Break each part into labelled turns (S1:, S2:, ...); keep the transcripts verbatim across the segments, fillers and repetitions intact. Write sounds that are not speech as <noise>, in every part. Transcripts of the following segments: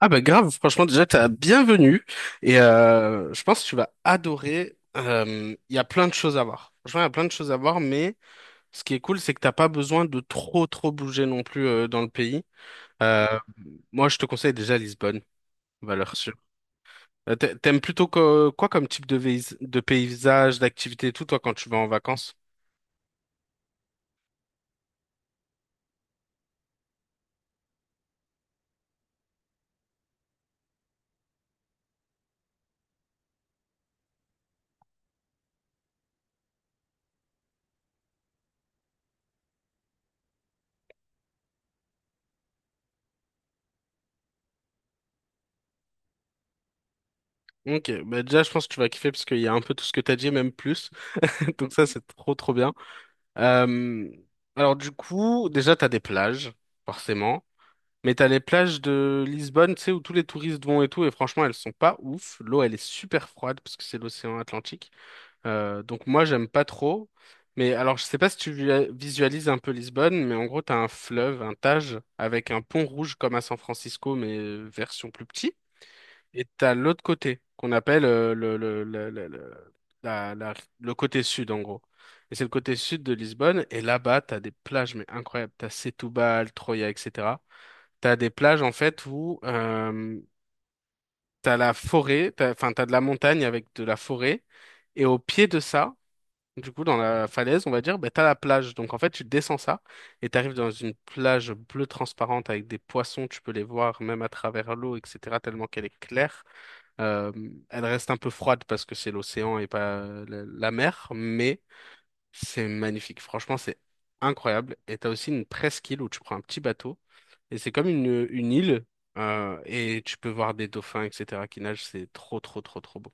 S1: Ah bah grave, franchement déjà t'as bienvenue et euh, je pense que tu vas adorer. Euh, Il y a plein de choses à voir. Franchement, il y a plein de choses à voir, mais ce qui est cool, c'est que t'as pas besoin de trop trop bouger non plus euh, dans le pays. Euh, Moi, je te conseille déjà Lisbonne, valeur sûre. Euh, t'a- T'aimes plutôt que- quoi comme type de, vais- de paysage, d'activité et tout, toi, quand tu vas en vacances? Ok, bah déjà je pense que tu vas kiffer parce qu'il y a un peu tout ce que t'as dit, même plus. <laughs> Donc ça, c'est trop trop bien. Euh, alors du coup, déjà t'as des plages, forcément, mais t'as les plages de Lisbonne, tu sais, où tous les touristes vont et tout, et franchement, elles sont pas ouf. L'eau, elle est super froide parce que c'est l'océan Atlantique. Euh, donc moi, j'aime pas trop. Mais alors, je sais pas si tu vi- visualises un peu Lisbonne, mais en gros, t'as un fleuve, un Tage, avec un pont rouge comme à San Francisco, mais euh, version plus petit. Et t'as l'autre côté, qu'on appelle euh, le, le, le, le, le, la- la- le côté sud, en gros. Et c'est le côté sud de Lisbonne. Et là-bas, t'as des plages, mais incroyables. T'as Setúbal, Troia, et cetera. T'as des plages, en fait, où euh, t'as la forêt, t'as, enfin, t'as de la montagne avec de la forêt. Et au pied de ça, du coup, dans la falaise, on va dire, bah, t'as la plage. Donc, en fait, tu descends ça et t'arrives dans une plage bleue transparente avec des poissons. Tu peux les voir même à travers l'eau, et cetera, tellement qu'elle est claire. Euh, Elle reste un peu froide parce que c'est l'océan et pas la, la mer, mais c'est magnifique. Franchement, c'est incroyable. Et t'as aussi une presqu'île où tu prends un petit bateau et c'est comme une, une île euh, et tu peux voir des dauphins, et cetera qui nagent. C'est trop, trop, trop, trop beau.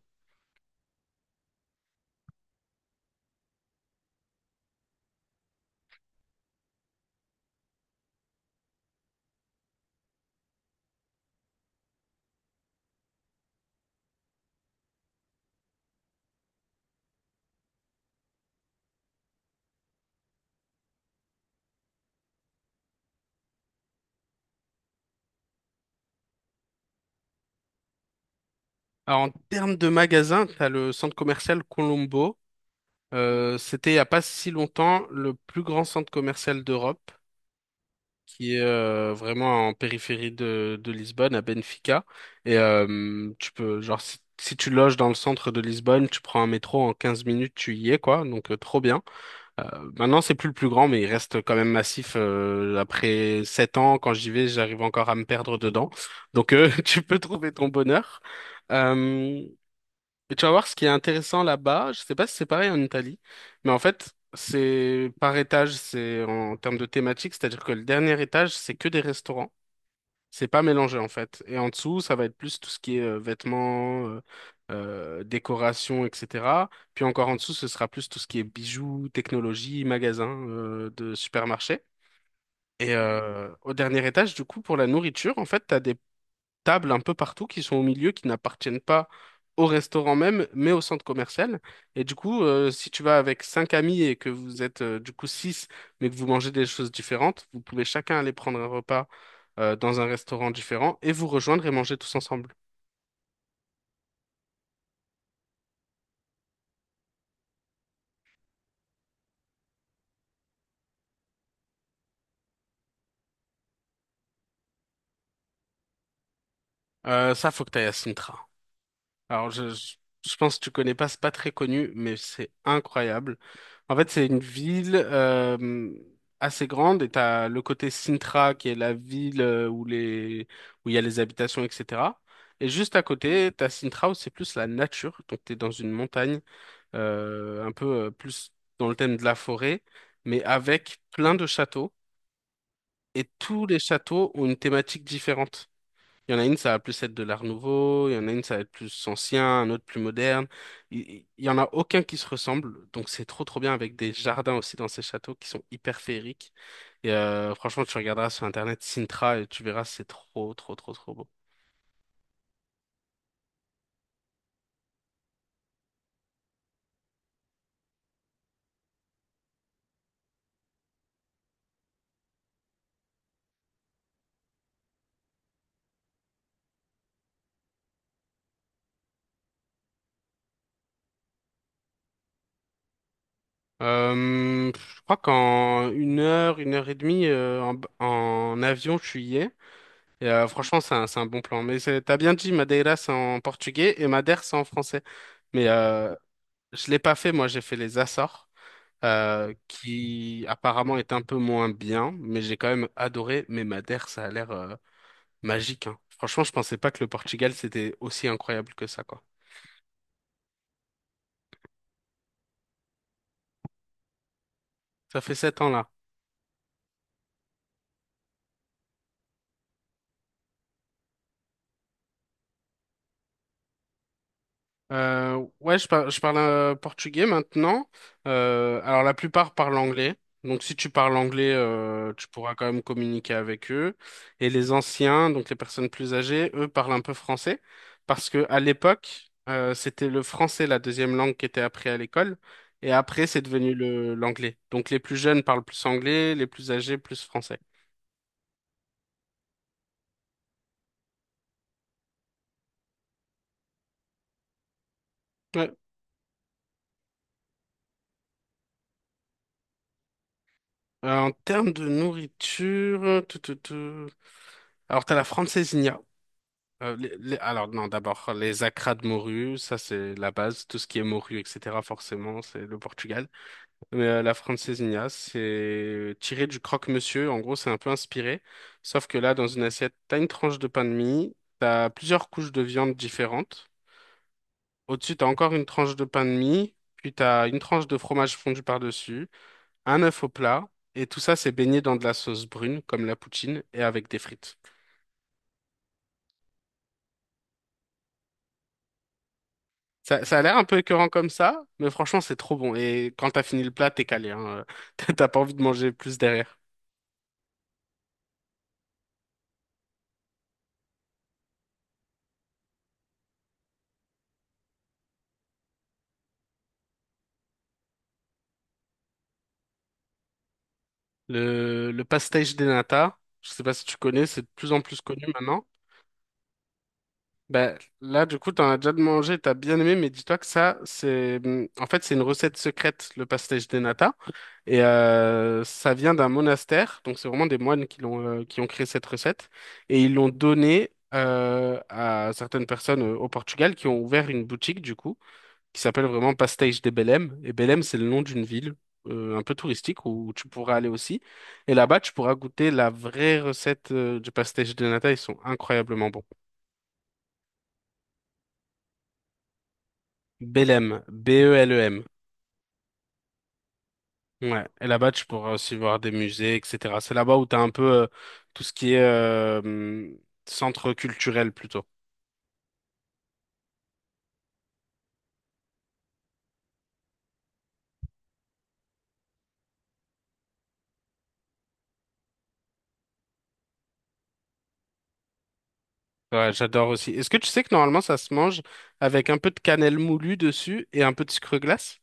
S1: Alors, en termes de magasins, t'as le centre commercial Colombo. Euh, c'était il n'y a pas si longtemps le plus grand centre commercial d'Europe, qui est euh, vraiment en périphérie de, de Lisbonne, à Benfica. Et euh, tu peux, genre, si, si tu loges dans le centre de Lisbonne, tu prends un métro en quinze minutes, tu y es, quoi. Donc, euh, trop bien. Euh, Maintenant, c'est plus le plus grand, mais il reste quand même massif. Euh, après sept ans, quand j'y vais, j'arrive encore à me perdre dedans. Donc, euh, <laughs> tu peux trouver ton bonheur. Euh, et tu vas voir ce qui est intéressant là-bas, je sais pas si c'est pareil en Italie, mais en fait, c'est par étage, c'est en termes de thématique, c'est-à-dire que le dernier étage, c'est que des restaurants, c'est pas mélangé en fait. Et en dessous, ça va être plus tout ce qui est euh, vêtements, euh, euh, décoration, et cetera. Puis encore en dessous, ce sera plus tout ce qui est bijoux, technologie, magasins euh, de supermarché. Et euh, au dernier étage, du coup, pour la nourriture, en fait, t'as des tables un peu partout qui sont au milieu, qui n'appartiennent pas au restaurant même, mais au centre commercial. Et du coup, euh, si tu vas avec cinq amis et que vous êtes euh, du coup six, mais que vous mangez des choses différentes, vous pouvez chacun aller prendre un repas euh, dans un restaurant différent et vous rejoindre et manger tous ensemble. Euh, ça, faut que t'ailles à Sintra. Alors, je, je je pense que tu connais pas, c'est pas très connu, mais c'est incroyable. En fait, c'est une ville euh, assez grande et t'as le côté Sintra qui est la ville euh, où les où il y a les habitations, et cetera. Et juste à côté, t'as Sintra où c'est plus la nature. Donc, t'es dans une montagne, euh, un peu euh, plus dans le thème de la forêt, mais avec plein de châteaux. Et tous les châteaux ont une thématique différente. Il y en a une, ça va plus être de l'art nouveau, il y en a une, ça va être plus ancien, un autre plus moderne. Il il- il y en a aucun qui se ressemble, donc c'est trop trop bien avec des jardins aussi dans ces châteaux qui sont hyper féeriques. Et euh, franchement, tu regarderas sur internet Sintra et tu verras, c'est trop trop trop trop beau. Euh, je crois qu'en une heure, une heure et demie euh, en, b- en avion, je suis y ai. Et, euh, franchement, c'est un, c'est un bon plan. Mais c'est- t'as bien dit, Madeira, c'est en portugais et Madère, c'est en français. Mais euh, je l'ai pas fait, moi, j'ai fait les Açores. Euh, qui apparemment est un peu moins bien, mais j'ai quand même adoré. Mais Madère, ça a l'air euh, magique, hein. Franchement, je pensais pas que le Portugal, c'était aussi incroyable que ça, quoi. Ça fait sept ans là. Euh, ouais, je, par- je parle euh, portugais maintenant. Euh, alors la plupart parlent anglais. Donc si tu parles anglais, euh, tu pourras quand même communiquer avec eux. Et les anciens, donc les personnes plus âgées, eux parlent un peu français parce que à l'époque, euh, c'était le français la deuxième langue qui était apprise à l'école. Et après, c'est devenu le l'anglais. Donc les plus jeunes parlent plus anglais, les plus âgés plus français. Ouais. Euh, en termes de nourriture, tout, tout, tout. Alors t'as la francesinha. Euh, les- les- alors non, d'abord les acras de morue, ça c'est la base, tout ce qui est morue, et cetera. Forcément, c'est le Portugal. Mais euh, la francesinha, c'est tiré du croque-monsieur. En gros, c'est un peu inspiré, sauf que là, dans une assiette, t'as une tranche de pain de mie, t'as plusieurs couches de viande différentes. Au-dessus, t'as encore une tranche de pain de mie, puis t'as une tranche de fromage fondu par-dessus, un œuf au plat, et tout ça c'est baigné dans de la sauce brune comme la poutine et avec des frites. Ça, ça a l'air un peu écœurant comme ça, mais franchement, c'est trop bon. Et quand t'as fini le plat, t'es calé, hein. <laughs> T'as t'as pas envie de manger plus derrière. Le, le pastéis de nata, je sais pas si tu connais, c'est de plus en plus connu maintenant. Ben, là, du coup, t'en as déjà mangé, t'as bien aimé, mais dis-toi que ça, c'est, hum, en fait, c'est une recette secrète, le pastéis de nata. Et euh, ça vient d'un monastère, donc c'est vraiment des moines qui l'ont, euh, qui ont créé cette recette. Et ils l'ont donnée euh, à certaines personnes euh, au Portugal qui ont ouvert une boutique, du coup. Qui s'appelle vraiment Pastéis de Belém. Et Belém, c'est le nom d'une ville euh, un peu touristique où tu pourras aller aussi. Et là-bas, tu pourras goûter la vraie recette euh, du pastéis de nata. Ils sont incroyablement bons. Belém, B E L E M. Ouais. Et là-bas, tu pourras aussi voir des musées, et cetera. C'est là-bas où tu as un peu euh, tout ce qui est euh, hum, centre culturel plutôt. Ouais, j'adore aussi. Est-ce que tu sais que normalement, ça se mange avec un peu de cannelle moulue dessus et un peu de sucre glace?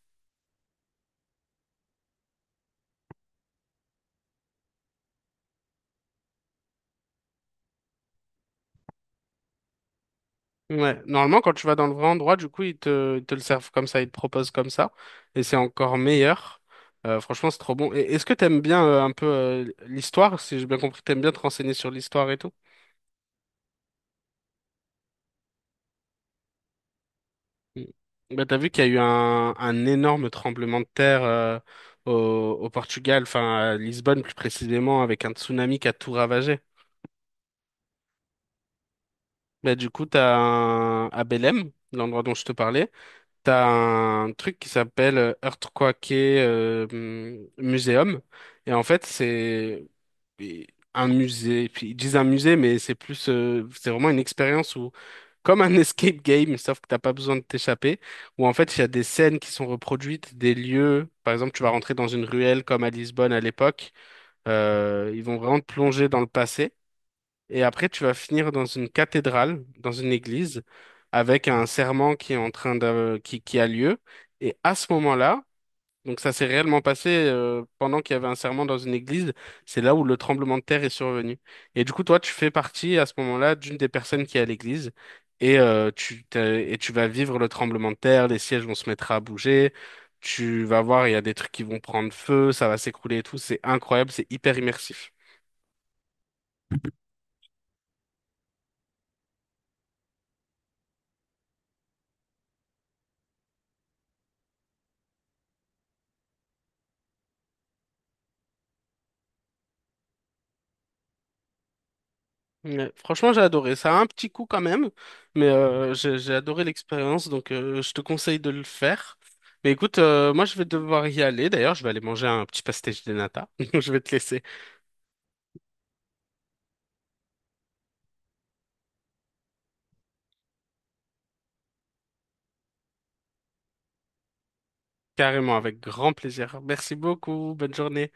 S1: Ouais, normalement, quand tu vas dans le vrai endroit, du coup, ils te, ils te le servent comme ça, ils te proposent comme ça, et c'est encore meilleur. Euh, franchement, c'est trop bon. Et est-ce que t'aimes bien euh, un peu euh, l'histoire? Si j'ai bien compris, t'aimes bien te renseigner sur l'histoire et tout? Mm. Bah, t'as vu qu'il y a eu un, un énorme tremblement de terre euh, au, au Portugal, enfin à Lisbonne plus précisément, avec un tsunami qui a tout ravagé. Bah, du coup, t'as un, à Belém, l'endroit dont je te parlais, t'as un truc qui s'appelle euh, Earthquake euh, hum, Museum. Et en fait, c'est un musée. Puis ils disent un musée, mais c'est plus, euh, c'est vraiment une expérience où, comme un <laughs> escape game, sauf que t'as pas besoin de t'échapper. Où en fait, il y a des scènes qui sont reproduites, des lieux. Par exemple, tu vas rentrer dans une ruelle comme à Lisbonne à l'époque. Euh, ils vont vraiment te plonger dans le passé. Et après, tu vas finir dans une cathédrale, dans une église, avec un serment qui est en train de, qui, qui a lieu. Et à ce moment-là, donc ça s'est réellement passé euh, pendant qu'il y avait un serment dans une église, c'est là où le tremblement de terre est survenu. Et du coup, toi, tu fais partie à ce moment-là d'une des personnes qui est à l'église. Et, euh, tu t'es- et tu vas vivre le tremblement de terre, les sièges vont se mettre à bouger, tu vas voir, il y a des trucs qui vont prendre feu, ça va s'écrouler et tout, c'est incroyable, c'est hyper immersif. Ouais, franchement, j'ai adoré. Ça a un petit coup quand même, mais euh, j'ai j'ai adoré l'expérience, donc euh, je te conseille de le faire. Mais écoute, euh, moi je vais devoir y aller. D'ailleurs, je vais aller manger un petit pastéis de nata. <laughs> Donc, je vais te laisser carrément avec grand plaisir. Merci beaucoup. Bonne journée.